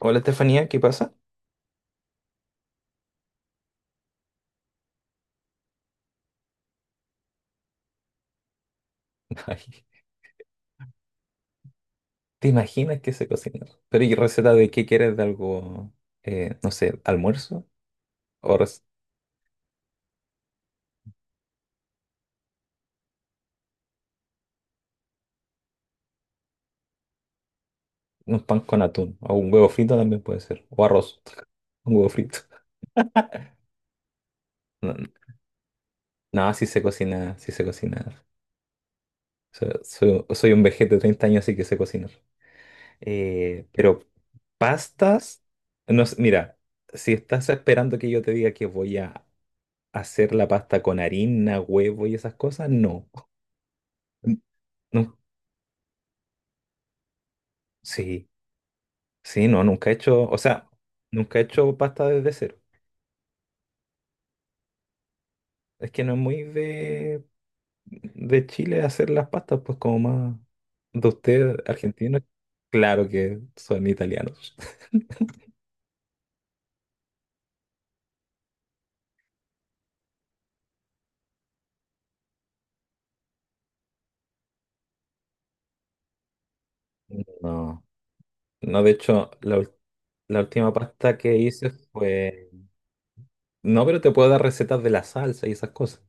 Hola Estefanía, ¿qué pasa? Ay, ¿te imaginas que se cocina? Pero ¿y receta de qué quieres de algo, no sé, almuerzo? ¿O un pan con atún? ¿O un huevo frito también puede ser? ¿O arroz? Un huevo frito. No, no, sí se cocina, sí se cocina. Soy un vejete de 30 años, así que sé cocinar. Pero pastas, no sé, mira, si estás esperando que yo te diga que voy a hacer la pasta con harina, huevo y esas cosas, no. N- No, sí. Sí, no, nunca he hecho, o sea, nunca he hecho pasta desde cero. Es que no es muy de Chile hacer las pastas, pues como más de ustedes argentinos. Claro que son italianos. No, no, de hecho, la última pasta que hice fue... No, pero te puedo dar recetas de la salsa y esas cosas.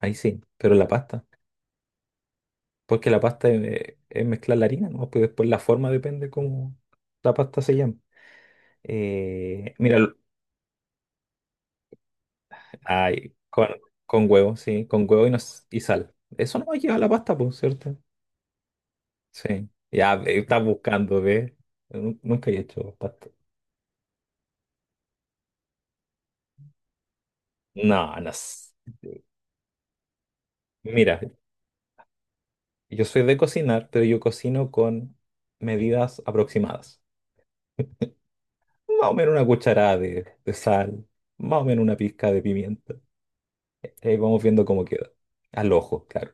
Ahí sí, pero la pasta. Porque la pasta es mezclar la harina, ¿no? Pues después la forma depende cómo la pasta se llama. Mira. Ay, con huevo, sí, con huevo y, y sal. Eso no lleva la pasta, por cierto. Sí. Ya, ve, estás buscando, ¿ves? Nunca he hecho pasta. No, no. Mira, yo soy de cocinar, pero yo cocino con medidas aproximadas. Más o menos una cucharada de sal, más o menos una pizca de pimienta. Ahí vamos viendo cómo queda. Al ojo, claro.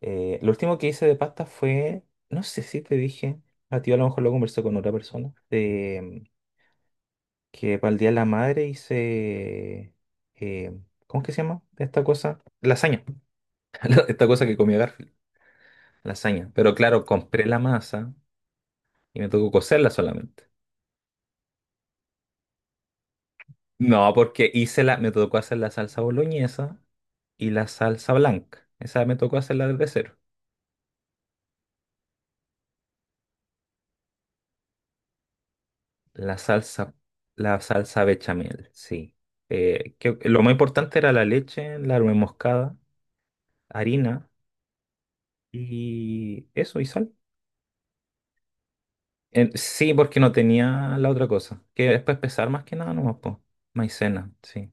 Lo último que hice de pasta fue, no sé si te dije, a ti a lo mejor lo conversé con otra persona. Que para el Día de la Madre hice, eh, ¿cómo es que se llama esta cosa? Lasaña, esta cosa que comía Garfield, lasaña. Pero claro, compré la masa y me tocó cocerla solamente. No, porque me tocó hacer la salsa boloñesa y la salsa blanca. Esa me tocó hacerla desde cero. La salsa, la salsa bechamel, sí. Que lo más importante era la leche, la nuez moscada, harina y eso, y sal. Sí, porque no tenía la otra cosa, que es para pesar más que nada nomás, po. Maicena, sí.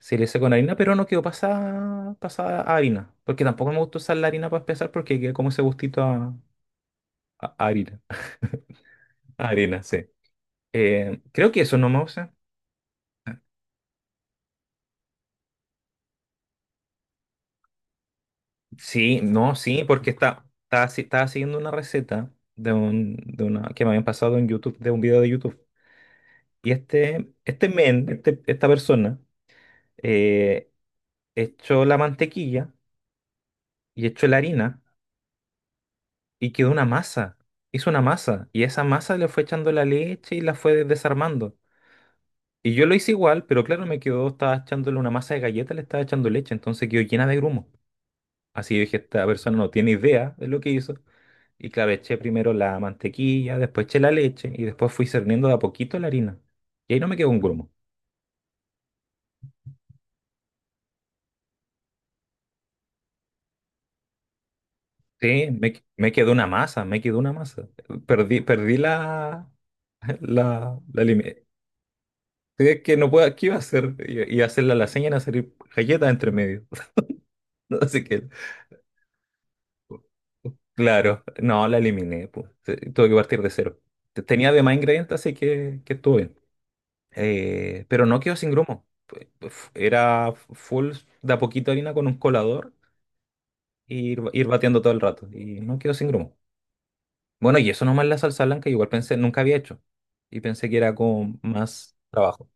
Sí, le hice con harina, pero no quedó pasada, pasada a harina, porque tampoco me gusta usar la harina para pesar porque queda como ese gustito a, a harina. A harina, sí. Creo que eso no me usa. Sí, no, sí, porque está, estaba, estaba siguiendo una receta de un, de una, que me habían pasado en YouTube, de un video de YouTube. Y esta persona, eh, echó la mantequilla y echó la harina y quedó una masa. Hizo una masa y esa masa le fue echando la leche y la fue desarmando. Y yo lo hice igual, pero claro, me quedó, estaba echándole una masa de galleta, le estaba echando leche, entonces quedó llena de grumo. Así yo dije, esta persona no tiene idea de lo que hizo. Y claro, eché primero la mantequilla, después eché la leche y después fui cerniendo de a poquito la harina. Y ahí no me quedó un grumo. Sí, me quedó una masa, me quedó una masa. Perdí la, la, la, es que no puedo, ¿qué iba a hacer? Iba a hacer la lasaña y iban a salir galletas entre medio. Así que, claro, no, la eliminé. Pues. Tuve que partir de cero. Tenía demás ingredientes, así que estuvo bien. Pero no quedó sin grumo. Era full de a poquito harina con un colador y ir bateando todo el rato. Y no quedó sin grumo. Bueno, y eso nomás la salsa blanca, igual pensé, nunca había hecho. Y pensé que era con más trabajo.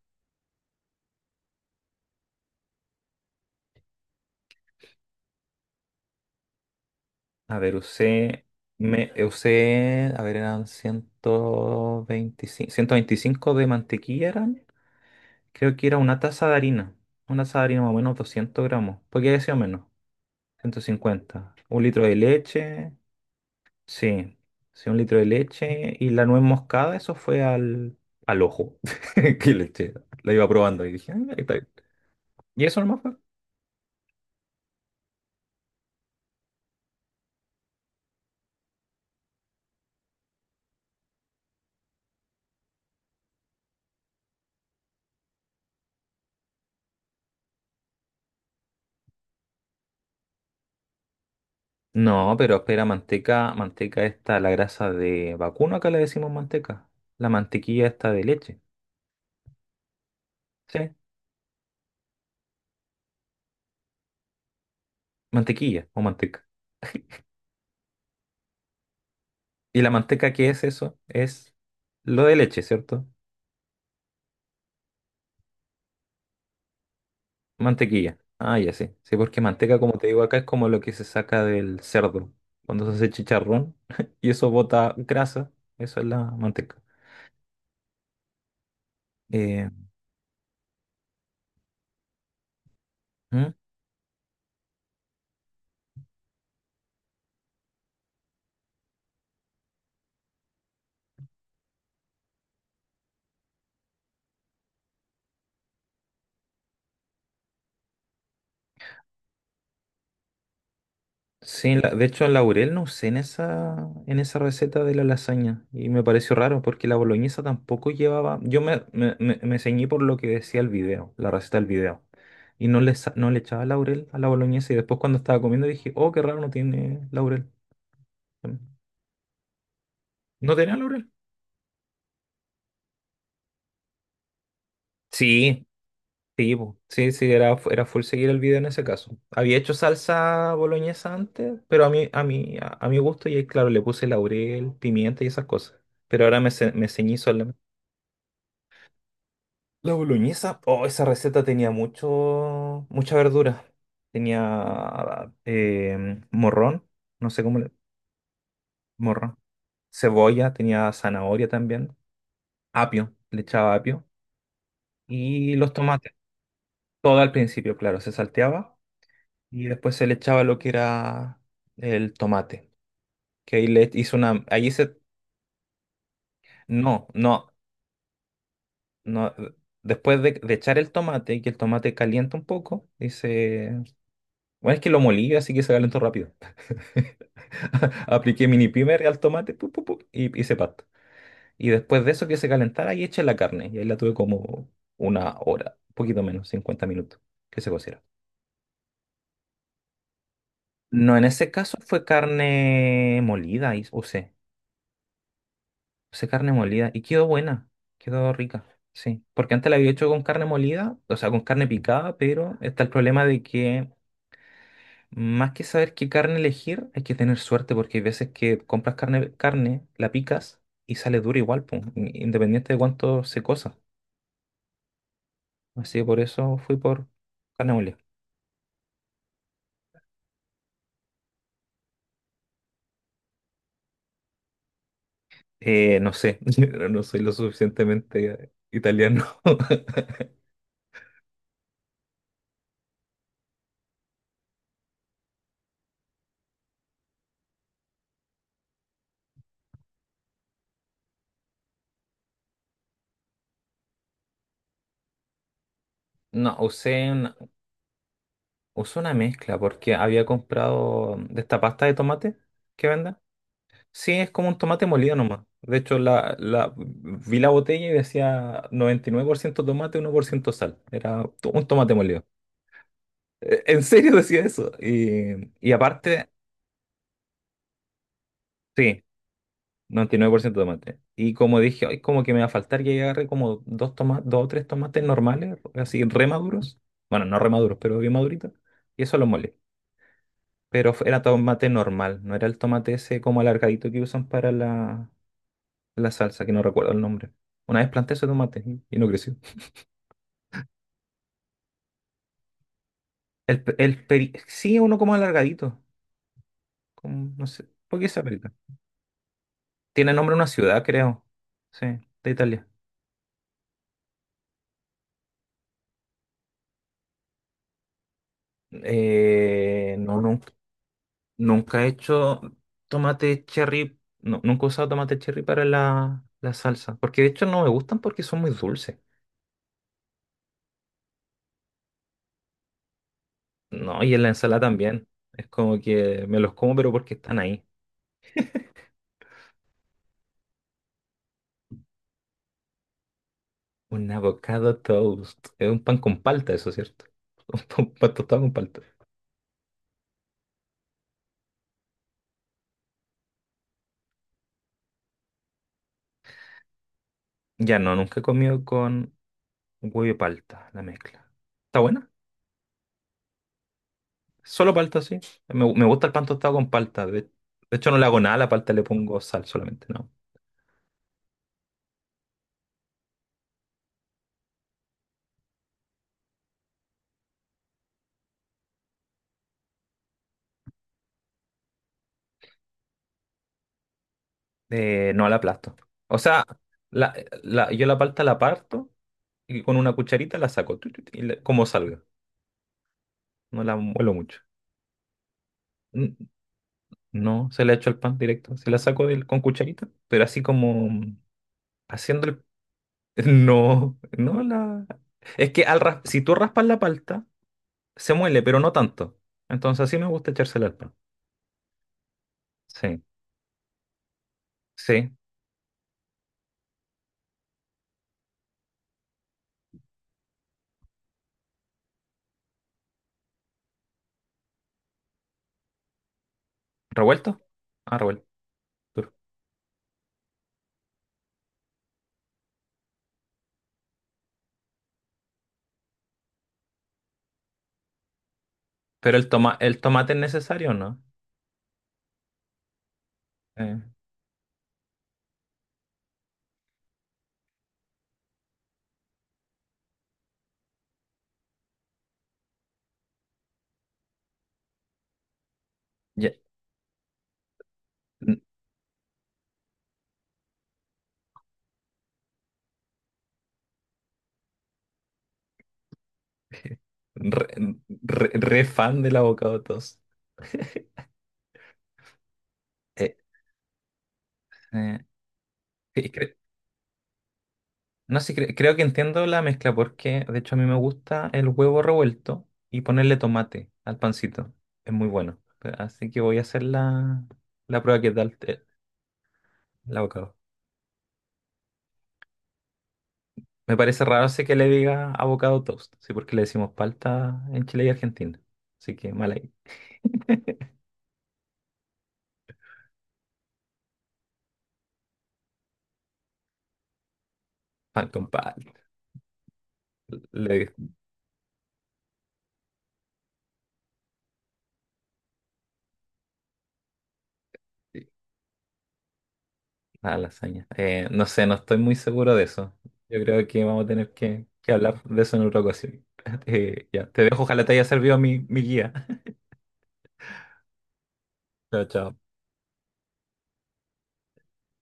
A ver, a ver, eran 125, 125 de mantequilla eran. Creo que era una taza de harina. Una taza de harina más o menos 200 gramos. Porque había sido menos, 150. Un litro de leche, sí. Sí, un litro de leche. Y la nuez moscada, eso fue al ojo que le eché. La iba probando y dije, "Ah, ahí está bien". Y eso nomás fue. No, pero espera, manteca esta, la grasa de vacuno, acá le decimos manteca. La mantequilla esta de leche. Sí, mantequilla o manteca. ¿Y la manteca qué es eso? Es lo de leche, ¿cierto? Mantequilla. Ah, ya sí. Sí, porque manteca, como te digo acá, es como lo que se saca del cerdo cuando se hace chicharrón y eso bota grasa. Eso es la manteca. Eh, ¿Mm? Sí, de hecho laurel no usé en esa receta de la lasaña y me pareció raro porque la boloñesa tampoco llevaba, yo me ceñí por lo que decía el video, la receta del video y no le echaba laurel a la boloñesa y después cuando estaba comiendo dije, oh, qué raro, no tiene laurel. ¿No tenía laurel? Sí, sí, po. Sí, sí, era full seguir el video en ese caso. Había hecho salsa boloñesa antes, pero a mi gusto y ahí, claro, le puse laurel, pimienta y esas cosas. Pero ahora me ceñí. La boloñesa, oh, esa receta tenía mucho, mucha verdura. Tenía morrón, no sé cómo le... Morrón. Cebolla, tenía zanahoria también. Apio, le echaba apio. Y los tomates. Todo al principio, claro, se salteaba. Y después se le echaba lo que era el tomate. Que ahí le e, hizo una... Ahí se... No, no, no. Después de echar el tomate, que el tomate calienta un poco, y se... Bueno, es que lo molí, así que se calentó rápido. Apliqué mini primer al tomate pu, pu, pu, y hice pasta. Y después de eso que se calentara y eché la carne. Y ahí la tuve como una hora, un poquito menos, 50 minutos, que se cociera. No, en ese caso fue carne molida, y usé. Usé carne molida y quedó buena, quedó rica, sí. Porque antes la había hecho con carne molida, o sea, con carne picada, pero está el problema de que más que saber qué carne elegir, hay que tener suerte porque hay veces que compras carne, la picas y sale dura igual, po, independiente de cuánto se cosa. Así que por eso fui por carne mole. No sé, yo no soy lo suficientemente italiano. No, usé una mezcla porque había comprado de esta pasta de tomate que venden. Sí, es como un tomate molido nomás. De hecho, vi la botella y decía 99% tomate, 1% sal. Era un tomate molido. En serio decía eso. Y aparte, sí, 99% tomate. Y como dije, ay, como que me va a faltar, y ahí agarré como dos tomates, dos o tres tomates normales, así remaduros. Bueno, no remaduros, pero bien maduritos. Y eso lo molé. Pero era tomate normal, no era el tomate ese como alargadito que usan para la salsa, que no recuerdo el nombre. Una vez planté ese tomate y no creció. El, sí, es uno como alargadito. Como, no sé. ¿Por qué esa perita? Tiene nombre de una ciudad, creo. Sí, de Italia. Eh, no, nunca, nunca he hecho tomate cherry. No, nunca he usado tomate cherry para la salsa. Porque de hecho no me gustan porque son muy dulces. No, y en la ensalada también. Es como que me los como, pero porque están ahí. Un avocado toast. Es un pan con palta, eso es cierto. Un pan tostado con palta. Ya no, nunca he comido con huevo y palta, la mezcla. ¿Está buena? Solo palta, sí. Me gusta el pan tostado con palta. De hecho, no le hago nada a la palta, le pongo sal solamente, ¿no? No la aplasto. O sea, la, yo la palta la parto y con una cucharita la saco, tu, y como salga. No la muelo mucho. N- No, se la echo al pan directo. Se la saco con cucharita, pero así como haciendo el. No, no la. Es que si tú raspas la palta, se muele, pero no tanto. Entonces así me gusta echársela al pan. Sí, sí. ¿Revuelto? Ah, revuelto. Duro. Pero el tomate es necesario, ¿no? Eh, ya. N- Re, re fan del avocado toast. Eh, eh, sí, no sé, creo que entiendo la mezcla porque, de hecho, a mí me gusta el huevo revuelto y ponerle tomate al pancito. Es muy bueno. Así que voy a hacer la prueba que tal. El abocado. Me parece raro ese que le diga abocado toast, sí, porque le decimos palta en Chile y Argentina. Así que mal ahí. Pan con palta. Le a lasaña. No sé, no estoy muy seguro de eso. Yo creo que vamos a tener que hablar de eso en otra ocasión. Ya, te dejo, ojalá te haya servido mi guía. Chao, chao.